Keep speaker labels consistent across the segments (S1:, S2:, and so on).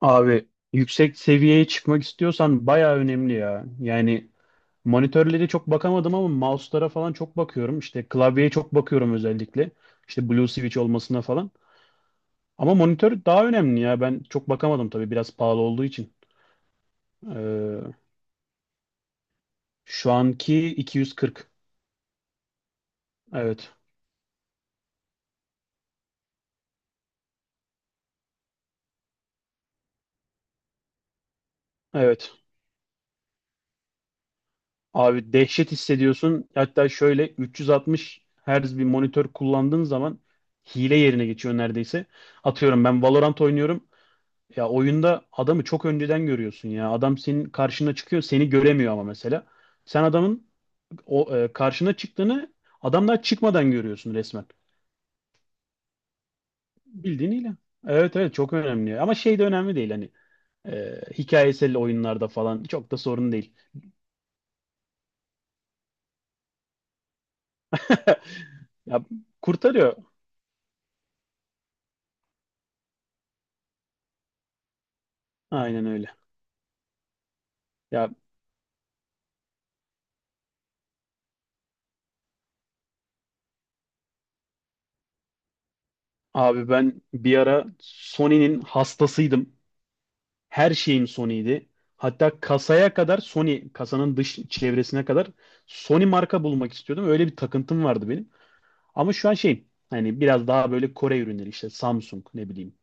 S1: Abi yüksek seviyeye çıkmak istiyorsan bayağı önemli ya. Yani monitörlere çok bakamadım ama mouse'lara falan çok bakıyorum. İşte klavyeye çok bakıyorum özellikle. İşte Blue Switch olmasına falan. Ama monitör daha önemli ya. Ben çok bakamadım tabii biraz pahalı olduğu için. Ee, Şu anki 240. Evet. Evet. Abi dehşet hissediyorsun. Hatta şöyle 360 Hz bir monitör kullandığın zaman hile yerine geçiyor neredeyse. Atıyorum ben Valorant oynuyorum. Ya oyunda adamı çok önceden görüyorsun ya. Adam senin karşına çıkıyor, seni göremiyor ama mesela. Sen adamın o karşına çıktığını adam daha çıkmadan görüyorsun resmen. Bildiğin ile. Evet, evet, çok önemli. Ama şey de önemli değil hani hikayesel oyunlarda falan çok da sorun değil. Ya kurtarıyor. Aynen öyle. Ya abi ben bir ara Sony'nin hastasıydım. Her şeyim Sony'ydi. Hatta kasaya kadar Sony, kasanın dış çevresine kadar Sony marka bulmak istiyordum. Öyle bir takıntım vardı benim. Ama şu an şey hani biraz daha böyle Kore ürünleri işte Samsung ne bileyim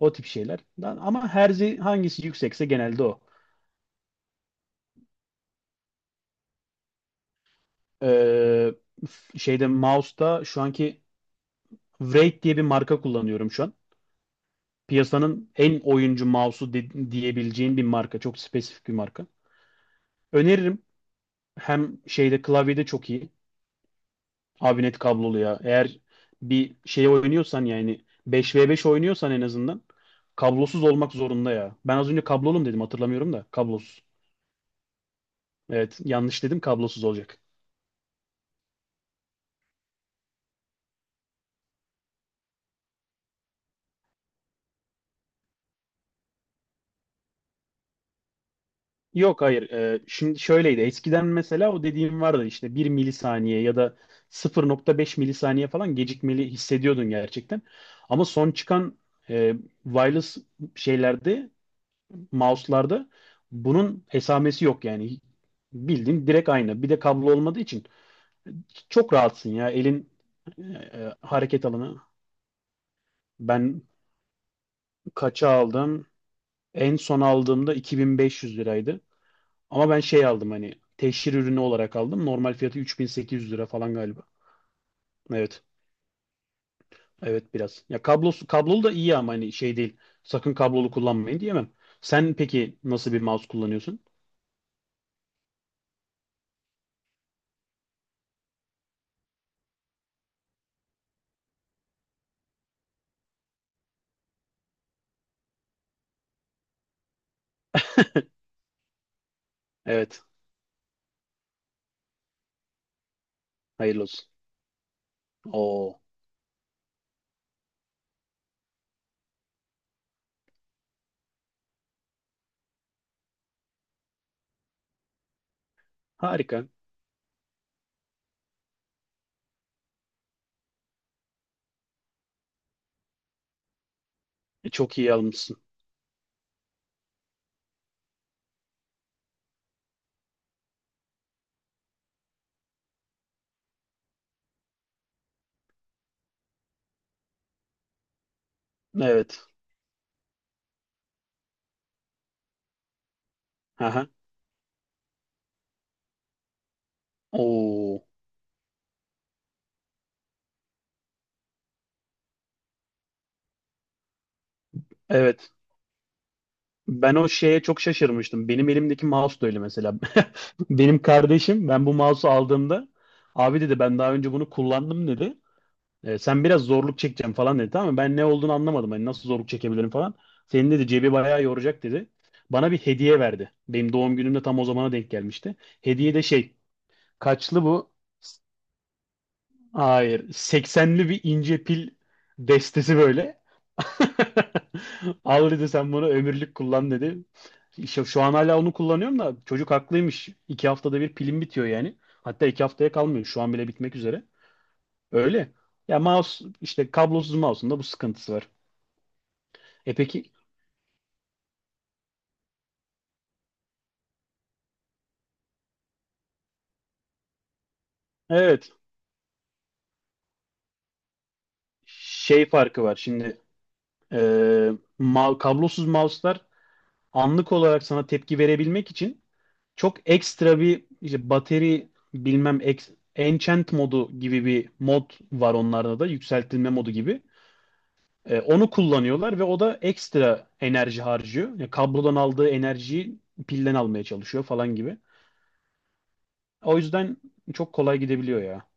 S1: o tip şeyler. Lan ama herzi hangisi yüksekse genelde o. Ee, Şeyde mouse'da şu anki Wraith diye bir marka kullanıyorum şu an. Piyasanın en oyuncu diyebileceğin bir marka. Çok spesifik bir marka. Öneririm. Hem şeyde klavyede çok iyi. Abi net kablolu ya. Eğer bir şey oynuyorsan yani 5v5 oynuyorsan en azından kablosuz olmak zorunda ya. Ben az önce kablolum dedim hatırlamıyorum da kablosuz. Evet yanlış dedim kablosuz olacak. Yok hayır. Şimdi şöyleydi eskiden mesela o dediğim vardı işte bir milisaniye ya da 0.5 milisaniye falan gecikmeli hissediyordun gerçekten. Ama son çıkan e, wireless şeylerde mouse'larda bunun esamesi yok yani bildiğin direkt aynı. Bir de kablo olmadığı için çok rahatsın ya. Elin hareket alanı. Ben kaça aldım? En son aldığımda 2500 liraydı. Ama ben şey aldım hani teşhir ürünü olarak aldım. Normal fiyatı 3800 lira falan galiba. Evet. Evet biraz. Ya kablosu kablolu da iyi ama hani şey değil. Sakın kablolu kullanmayın diyemem. Sen peki nasıl bir mouse kullanıyorsun? Evet. Hayırlı olsun. Oo. Harika. E, çok iyi almışsın. Evet. Aha. Oo. Evet. Ben o şeye çok şaşırmıştım. Benim elimdeki mouse da öyle mesela. Benim kardeşim ben bu mouse'u aldığımda abi dedi ben daha önce bunu kullandım dedi. E, sen biraz zorluk çekeceğim falan dedi. Tamam mı? Ben ne olduğunu anlamadım. Hani nasıl zorluk çekebilirim falan. Senin dedi cebi bayağı yoracak dedi. Bana bir hediye verdi. Benim doğum günümde tam o zamana denk gelmişti. Hediye de şey, kaçlı bu? Hayır seksenli bir ince pil destesi böyle. Al dedi sen bunu ömürlük kullan dedi. Şu an hala onu kullanıyorum da çocuk haklıymış. İki haftada bir pilim bitiyor yani. Hatta iki haftaya kalmıyor. Şu an bile bitmek üzere. Öyle. Ya mouse işte kablosuz mouse'un da bu sıkıntısı var. E peki evet şey farkı var. E, Kablosuz mouse'lar anlık olarak sana tepki verebilmek için çok ekstra bir işte bateri bilmem enchant modu gibi bir mod var onlarda da yükseltilme modu gibi. E, onu kullanıyorlar ve o da ekstra enerji harcıyor. Yani kablodan aldığı enerjiyi pilden almaya çalışıyor falan gibi. O yüzden çok kolay gidebiliyor ya.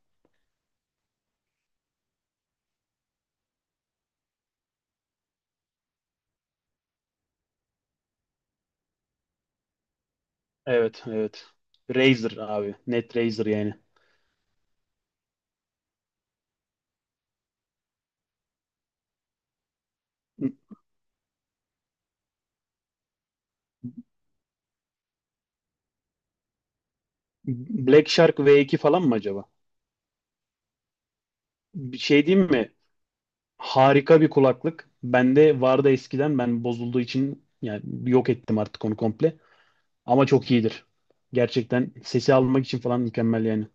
S1: Evet, evet. Razer abi. Net Razer yani. Black Shark V2 falan mı acaba? Bir şey diyeyim mi? Harika bir kulaklık. Bende vardı eskiden. Ben bozulduğu için yani yok ettim artık onu komple. Ama çok iyidir. Gerçekten sesi almak için falan mükemmel yani.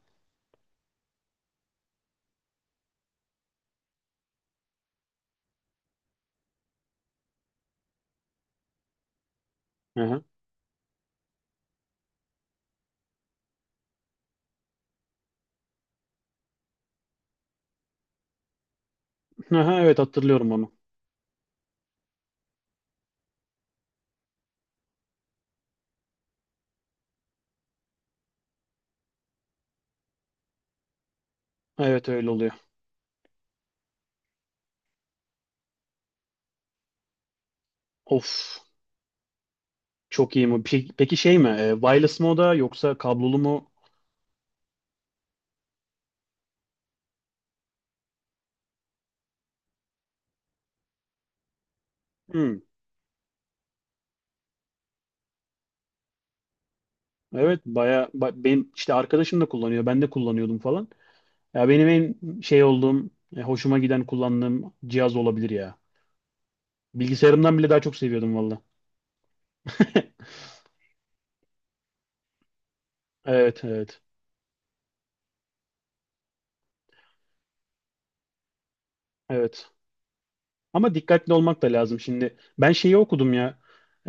S1: Aha. Aha, evet hatırlıyorum onu. Evet öyle oluyor. Of çok iyi mi? Peki, peki şey mi? E, wireless mı o da yoksa kablolu mu? Hmm, evet benim işte arkadaşım da kullanıyor. Ben de kullanıyordum falan. Ya benim en şey olduğum, hoşuma giden kullandığım cihaz olabilir ya. Bilgisayarımdan bile daha çok seviyordum valla. Evet, evet. Evet. Ama dikkatli olmak da lazım şimdi. Ben şeyi okudum ya.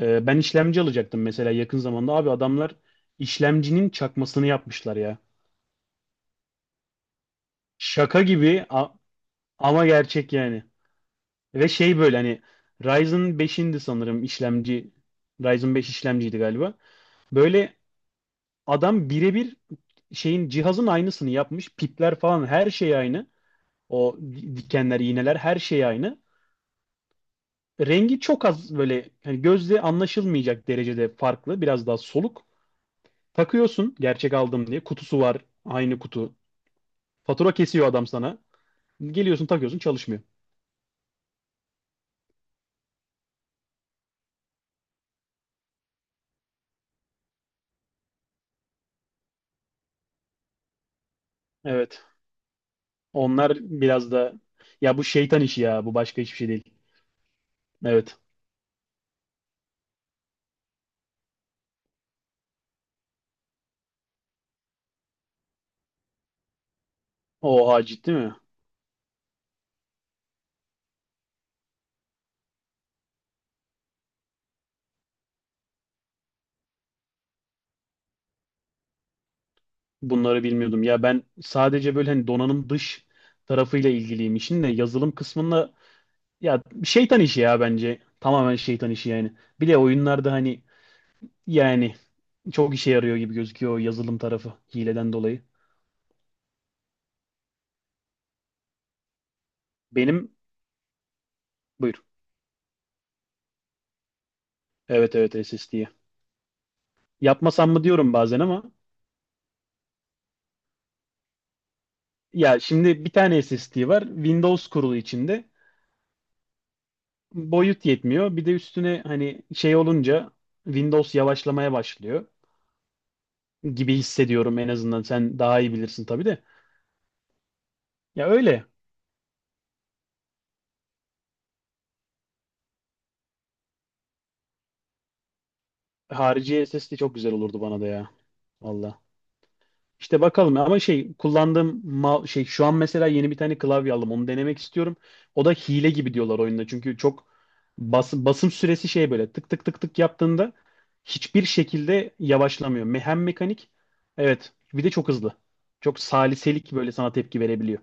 S1: Ben işlemci alacaktım mesela yakın zamanda. Abi adamlar işlemcinin çakmasını yapmışlar ya. Şaka gibi a- ama gerçek yani. Ve şey böyle hani Ryzen 5'indi sanırım işlemci. Ryzen 5 işlemciydi galiba. Böyle adam birebir cihazın aynısını yapmış. Pipler falan her şey aynı. O dikenler, iğneler her şey aynı. Rengi çok az böyle hani gözle anlaşılmayacak derecede farklı. Biraz daha soluk. Takıyorsun gerçek aldım diye. Kutusu var. Aynı kutu. Fatura kesiyor adam sana. Geliyorsun takıyorsun çalışmıyor. Evet. Onlar biraz da ya bu şeytan işi ya. Bu başka hiçbir şey değil. Evet. Oha ciddi mi? Bunları bilmiyordum. Ya ben sadece böyle hani donanım dış tarafıyla ilgiliyim işin de yazılım kısmında ya şeytan işi ya bence. Tamamen şeytan işi yani. Bir de oyunlarda hani yani çok işe yarıyor gibi gözüküyor o yazılım tarafı hileden dolayı. Benim buyur. Evet, evet, SSD. Yapmasam mı diyorum bazen ama ya şimdi bir tane SSD var. Windows kurulu içinde. Boyut yetmiyor. Bir de üstüne hani şey olunca Windows yavaşlamaya başlıyor gibi hissediyorum en azından. Sen daha iyi bilirsin tabii de. Ya öyle. Harici SSD çok güzel olurdu bana da ya. Valla. İşte bakalım ama şey şu an mesela yeni bir tane klavye aldım onu denemek istiyorum. O da hile gibi diyorlar oyunda çünkü çok basım süresi şey böyle tık tık tık tık yaptığında hiçbir şekilde yavaşlamıyor. Hem mekanik evet bir de çok hızlı. Çok saliselik böyle sana tepki verebiliyor.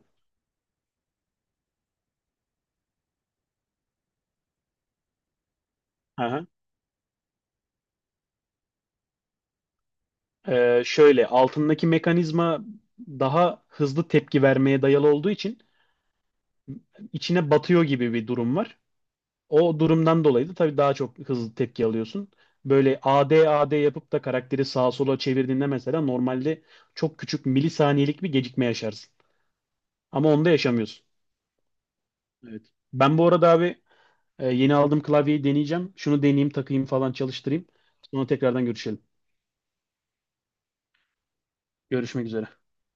S1: Aha. Şöyle altındaki mekanizma daha hızlı tepki vermeye dayalı olduğu için içine batıyor gibi bir durum var. O durumdan dolayı da tabii daha çok hızlı tepki alıyorsun. Böyle AD AD yapıp da karakteri sağa sola çevirdiğinde mesela normalde çok küçük milisaniyelik bir gecikme yaşarsın. Ama onda yaşamıyorsun. Evet. Ben bu arada abi yeni aldığım klavyeyi deneyeceğim. Şunu deneyeyim, takayım falan çalıştırayım. Sonra tekrardan görüşelim. Görüşmek üzere.